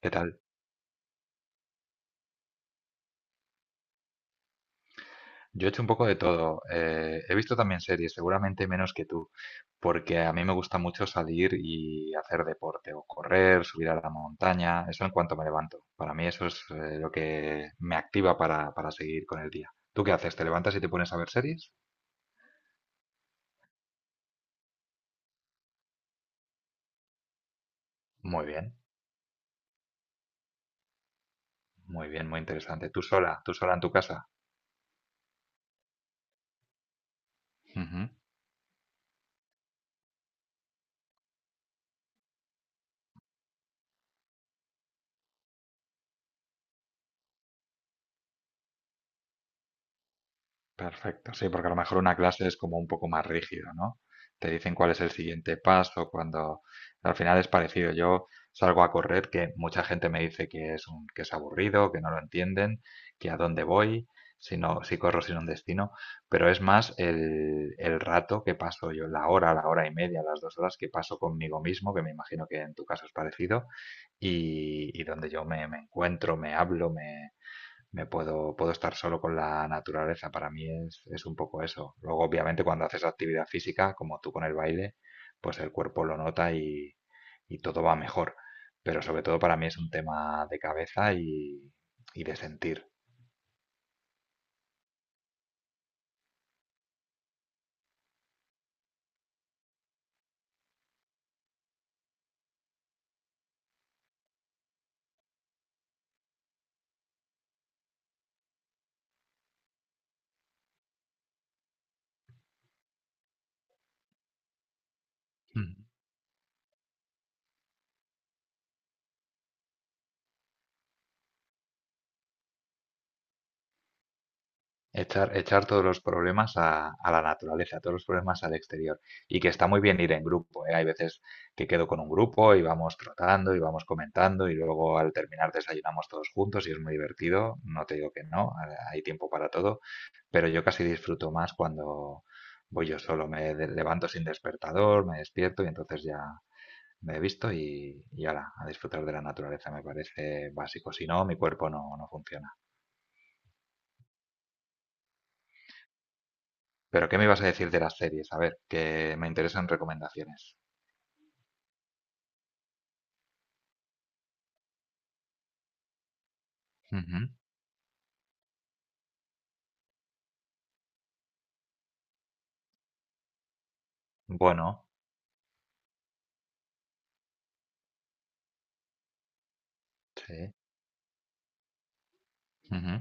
¿Qué tal? Yo he hecho un poco de todo. He visto también series, seguramente menos que tú, porque a mí me gusta mucho salir y hacer deporte o correr, subir a la montaña, eso en cuanto me levanto. Para mí eso es lo que me activa para seguir con el día. ¿Tú qué haces? ¿Te levantas y te pones a ver series? Muy bien, muy bien, muy interesante. ¿Tú sola? ¿Tú sola en tu casa? Ujú. Perfecto, sí, porque a lo mejor una clase es como un poco más rígido, ¿no? Te dicen cuál es el siguiente paso, cuando al final es parecido. Yo salgo a correr, que mucha gente me dice que es aburrido, que no lo entienden, que a dónde voy, si no, si corro sin un destino, pero es más el rato que paso yo, la hora y media, las 2 horas que paso conmigo mismo, que me imagino que en tu caso es parecido, y donde yo me encuentro, me hablo, me puedo estar solo con la naturaleza. Para mí es un poco eso. Luego, obviamente, cuando haces actividad física, como tú con el baile, pues el cuerpo lo nota y todo va mejor. Pero sobre todo para mí es un tema de cabeza y de sentir. Mm. Echar todos los problemas a la naturaleza, todos los problemas al exterior. Y que está muy bien ir en grupo, ¿eh? Hay veces que quedo con un grupo y vamos tratando y vamos comentando y luego al terminar desayunamos todos juntos y es muy divertido. No te digo que no, hay tiempo para todo, pero yo casi disfruto más cuando voy yo solo. Me levanto sin despertador, me despierto y entonces ya me he visto y ala, a disfrutar de la naturaleza me parece básico. Si no, mi cuerpo no funciona. Pero, ¿qué me ibas a decir de las series? A ver, que me interesan recomendaciones. Ujú. Bueno, sí. Ujú.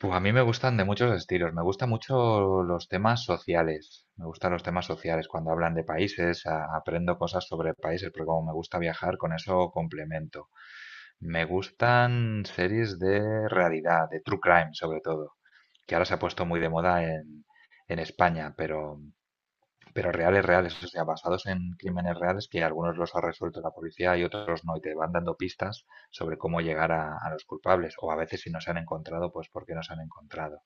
Pues a mí me gustan de muchos estilos. Me gustan mucho los temas sociales. Me gustan los temas sociales. Cuando hablan de países, aprendo cosas sobre países, porque como me gusta viajar, con eso complemento. Me gustan series de realidad, de true crime sobre todo, que ahora se ha puesto muy de moda en España, pero reales, reales, o sea, basados en crímenes reales que algunos los ha resuelto la policía y otros no, y te van dando pistas sobre cómo llegar a los culpables, o a veces si no se han encontrado, pues por qué no se han encontrado.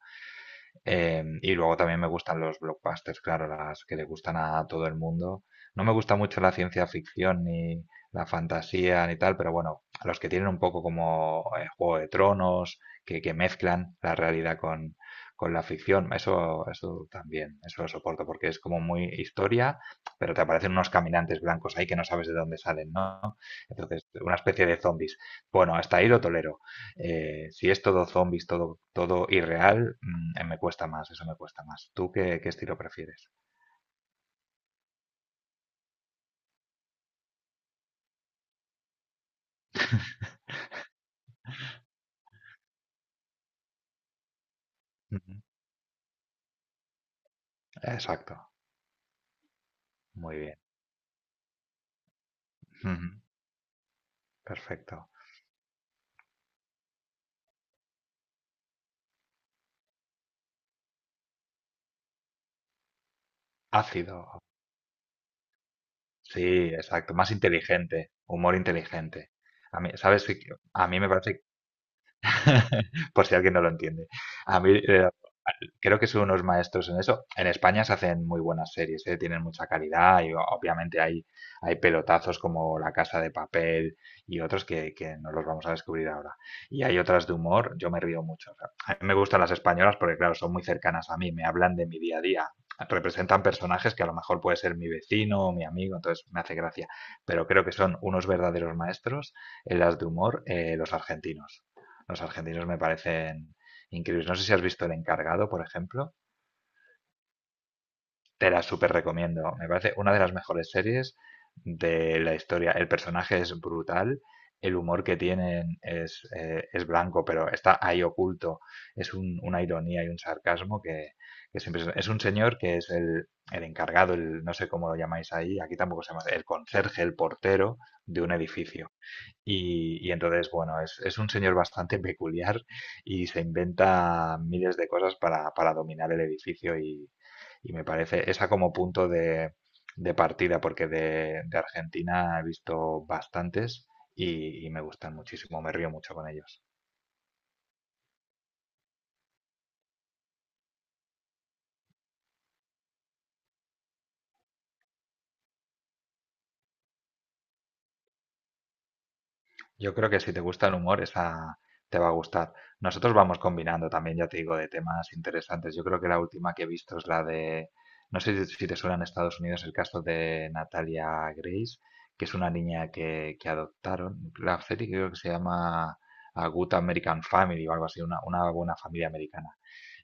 Y luego también me gustan los blockbusters, claro, las que le gustan a todo el mundo. No me gusta mucho la ciencia ficción ni la fantasía ni tal, pero bueno, a los que tienen un poco como Juego de Tronos, que mezclan la realidad con la ficción, eso también, eso lo soporto, porque es como muy historia, pero te aparecen unos caminantes blancos ahí que no sabes de dónde salen, ¿no? Entonces, una especie de zombies. Bueno, hasta ahí lo tolero. Si es todo zombies, todo irreal, me cuesta más, eso me cuesta más. ¿Tú qué estilo prefieres? Ujú. Exacto, muy bien. Ujú. Perfecto. Ácido, sí, exacto. Más inteligente, humor inteligente. A mí, ¿sabes? A mí me parece, por si alguien no lo entiende, a mí creo que son unos maestros en eso. En España se hacen muy buenas series, ¿eh? Tienen mucha calidad y obviamente hay pelotazos como La Casa de Papel y otros que no los vamos a descubrir ahora. Y hay otras de humor, yo me río mucho. O sea, a mí me gustan las españolas porque, claro, son muy cercanas a mí, me hablan de mi día a día, representan personajes que a lo mejor puede ser mi vecino o mi amigo, entonces me hace gracia. Pero creo que son unos verdaderos maestros en las de humor los argentinos. Los argentinos me parecen increíbles. No sé si has visto El Encargado, por ejemplo. Te la súper recomiendo. Me parece una de las mejores series de la historia. El personaje es brutal. El humor que tienen es blanco, pero está ahí oculto. Es una ironía y un sarcasmo que es impresionante. Es un señor que es el encargado, el, no sé cómo lo llamáis ahí, aquí tampoco se llama, el conserje, el portero de un edificio y entonces, bueno, es un señor bastante peculiar y se inventa miles de cosas para dominar el edificio y me parece esa como punto de partida, porque de Argentina he visto bastantes y me gustan muchísimo, me río mucho con ellos. Yo creo que si te gusta el humor, esa te va a gustar. Nosotros vamos combinando también, ya te digo, de temas interesantes. Yo creo que la última que he visto es la de, no sé si te suena en Estados Unidos el caso de Natalia Grace, que es una niña que adoptaron. La serie creo que se llama A Good American Family o algo así, una buena familia americana.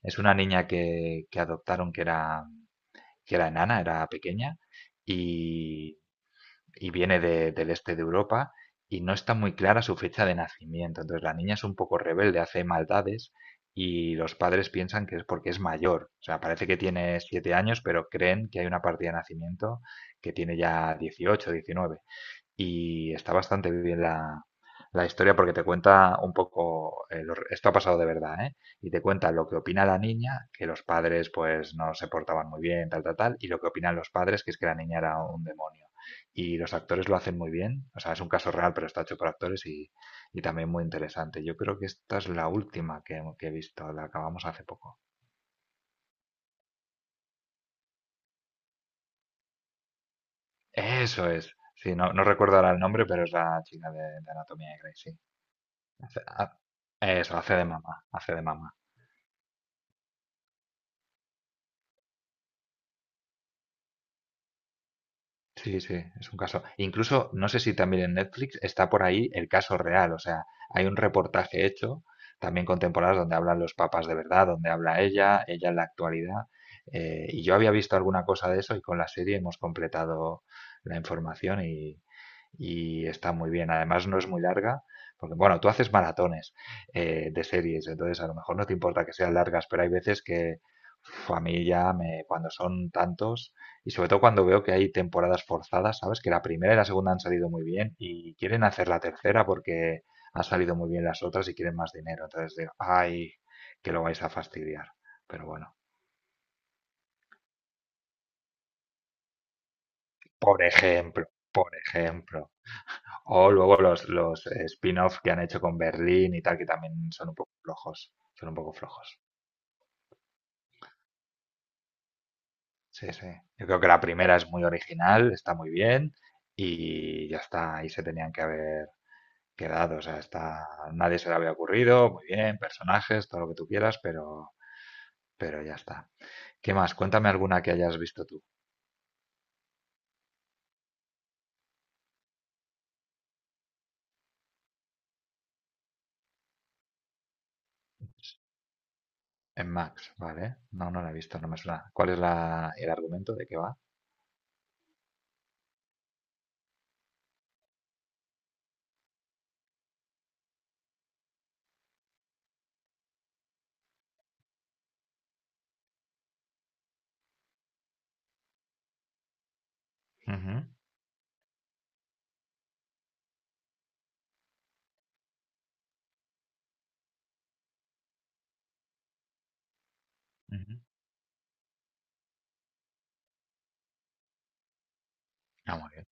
Es una niña que adoptaron que era enana, era pequeña y viene del este de Europa y no está muy clara su fecha de nacimiento. Entonces la niña es un poco rebelde, hace maldades y los padres piensan que es porque es mayor. O sea, parece que tiene 7 años, pero creen que hay una partida de nacimiento que tiene ya 18 19 y está bastante bien la historia porque te cuenta un poco, esto ha pasado de verdad, ¿eh? Y te cuenta lo que opina la niña, que los padres pues no se portaban muy bien, tal, tal, tal, y lo que opinan los padres, que es que la niña era un demonio. Y los actores lo hacen muy bien, o sea, es un caso real, pero está hecho por actores y también muy interesante. Yo creo que esta es la última que he visto, la acabamos hace poco. Eso es, sí, no, no recuerdo ahora el nombre, pero es la chica de Anatomía de Grey, sí. Hace- ha- Eso, hace de mamá, hace de mamá. Sí, sí, es un caso. Incluso, no sé si también en Netflix está por ahí el caso real, o sea, hay un reportaje hecho, también con temporadas donde hablan los papás de verdad, donde habla ella en la actualidad, y yo había visto alguna cosa de eso y con la serie hemos completado la información y está muy bien. Además, no es muy larga, porque bueno, tú haces maratones de series, entonces a lo mejor no te importa que sean largas, pero hay veces que uf, a mí ya me, cuando son tantos, y sobre todo cuando veo que hay temporadas forzadas, ¿sabes? Que la primera y la segunda han salido muy bien y quieren hacer la tercera porque han salido muy bien las otras y quieren más dinero. Entonces digo, ay, que lo vais a fastidiar. Pero bueno, por ejemplo, por ejemplo. O luego los spin-off que han hecho con Berlín y tal, que también son un poco flojos. Son un poco flojos. Sí, sí. Yo creo que la primera es muy original, está muy bien y ya está. Ahí se tenían que haber quedado, o sea, está, nadie se le había ocurrido, muy bien, personajes, todo lo que tú quieras, pero, ya está. ¿Qué más? Cuéntame alguna que hayas visto tú en Max, ¿vale? No, no la he visto, no me suena. ¿Cuál es el argumento de qué va? Ujú, ujú. Ah, muy bien,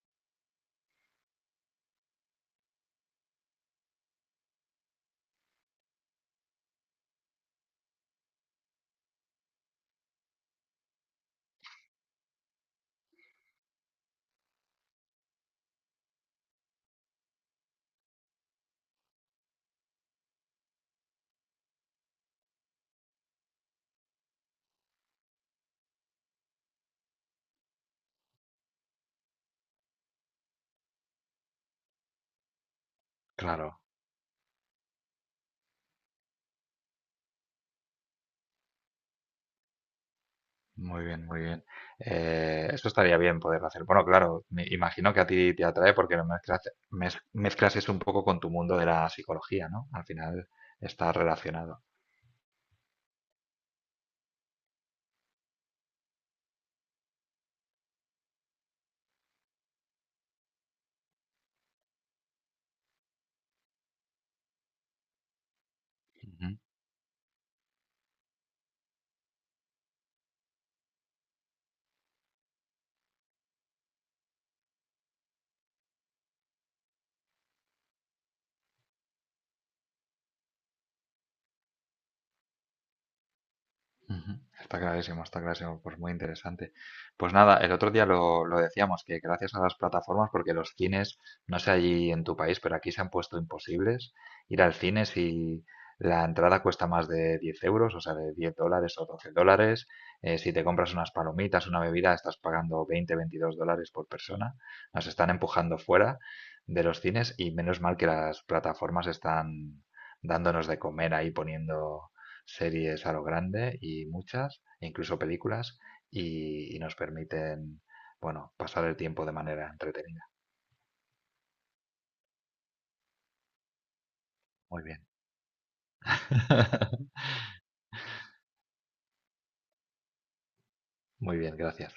claro, muy bien, muy bien. Esto estaría bien poderlo hacer. Bueno, claro, me imagino que a ti te atrae porque lo mezclas, mezclas eso un poco con tu mundo de la psicología, ¿no? Al final está relacionado. Ujú. Está clarísimo, pues muy interesante. Pues nada, el otro día lo decíamos, que gracias a las plataformas, porque los cines, no sé allí en tu país, pero aquí se han puesto imposibles ir al cine si la entrada cuesta más de 10 euros, o sea, de 10 dólares o 12 dólares. Si te compras unas palomitas, una bebida, estás pagando 20 22 dólares por persona. Nos están empujando fuera de los cines y menos mal que las plataformas están dándonos de comer ahí poniendo series a lo grande y muchas, e incluso películas, y nos permiten, bueno, pasar el tiempo de manera entretenida. Muy bien. Muy bien, gracias.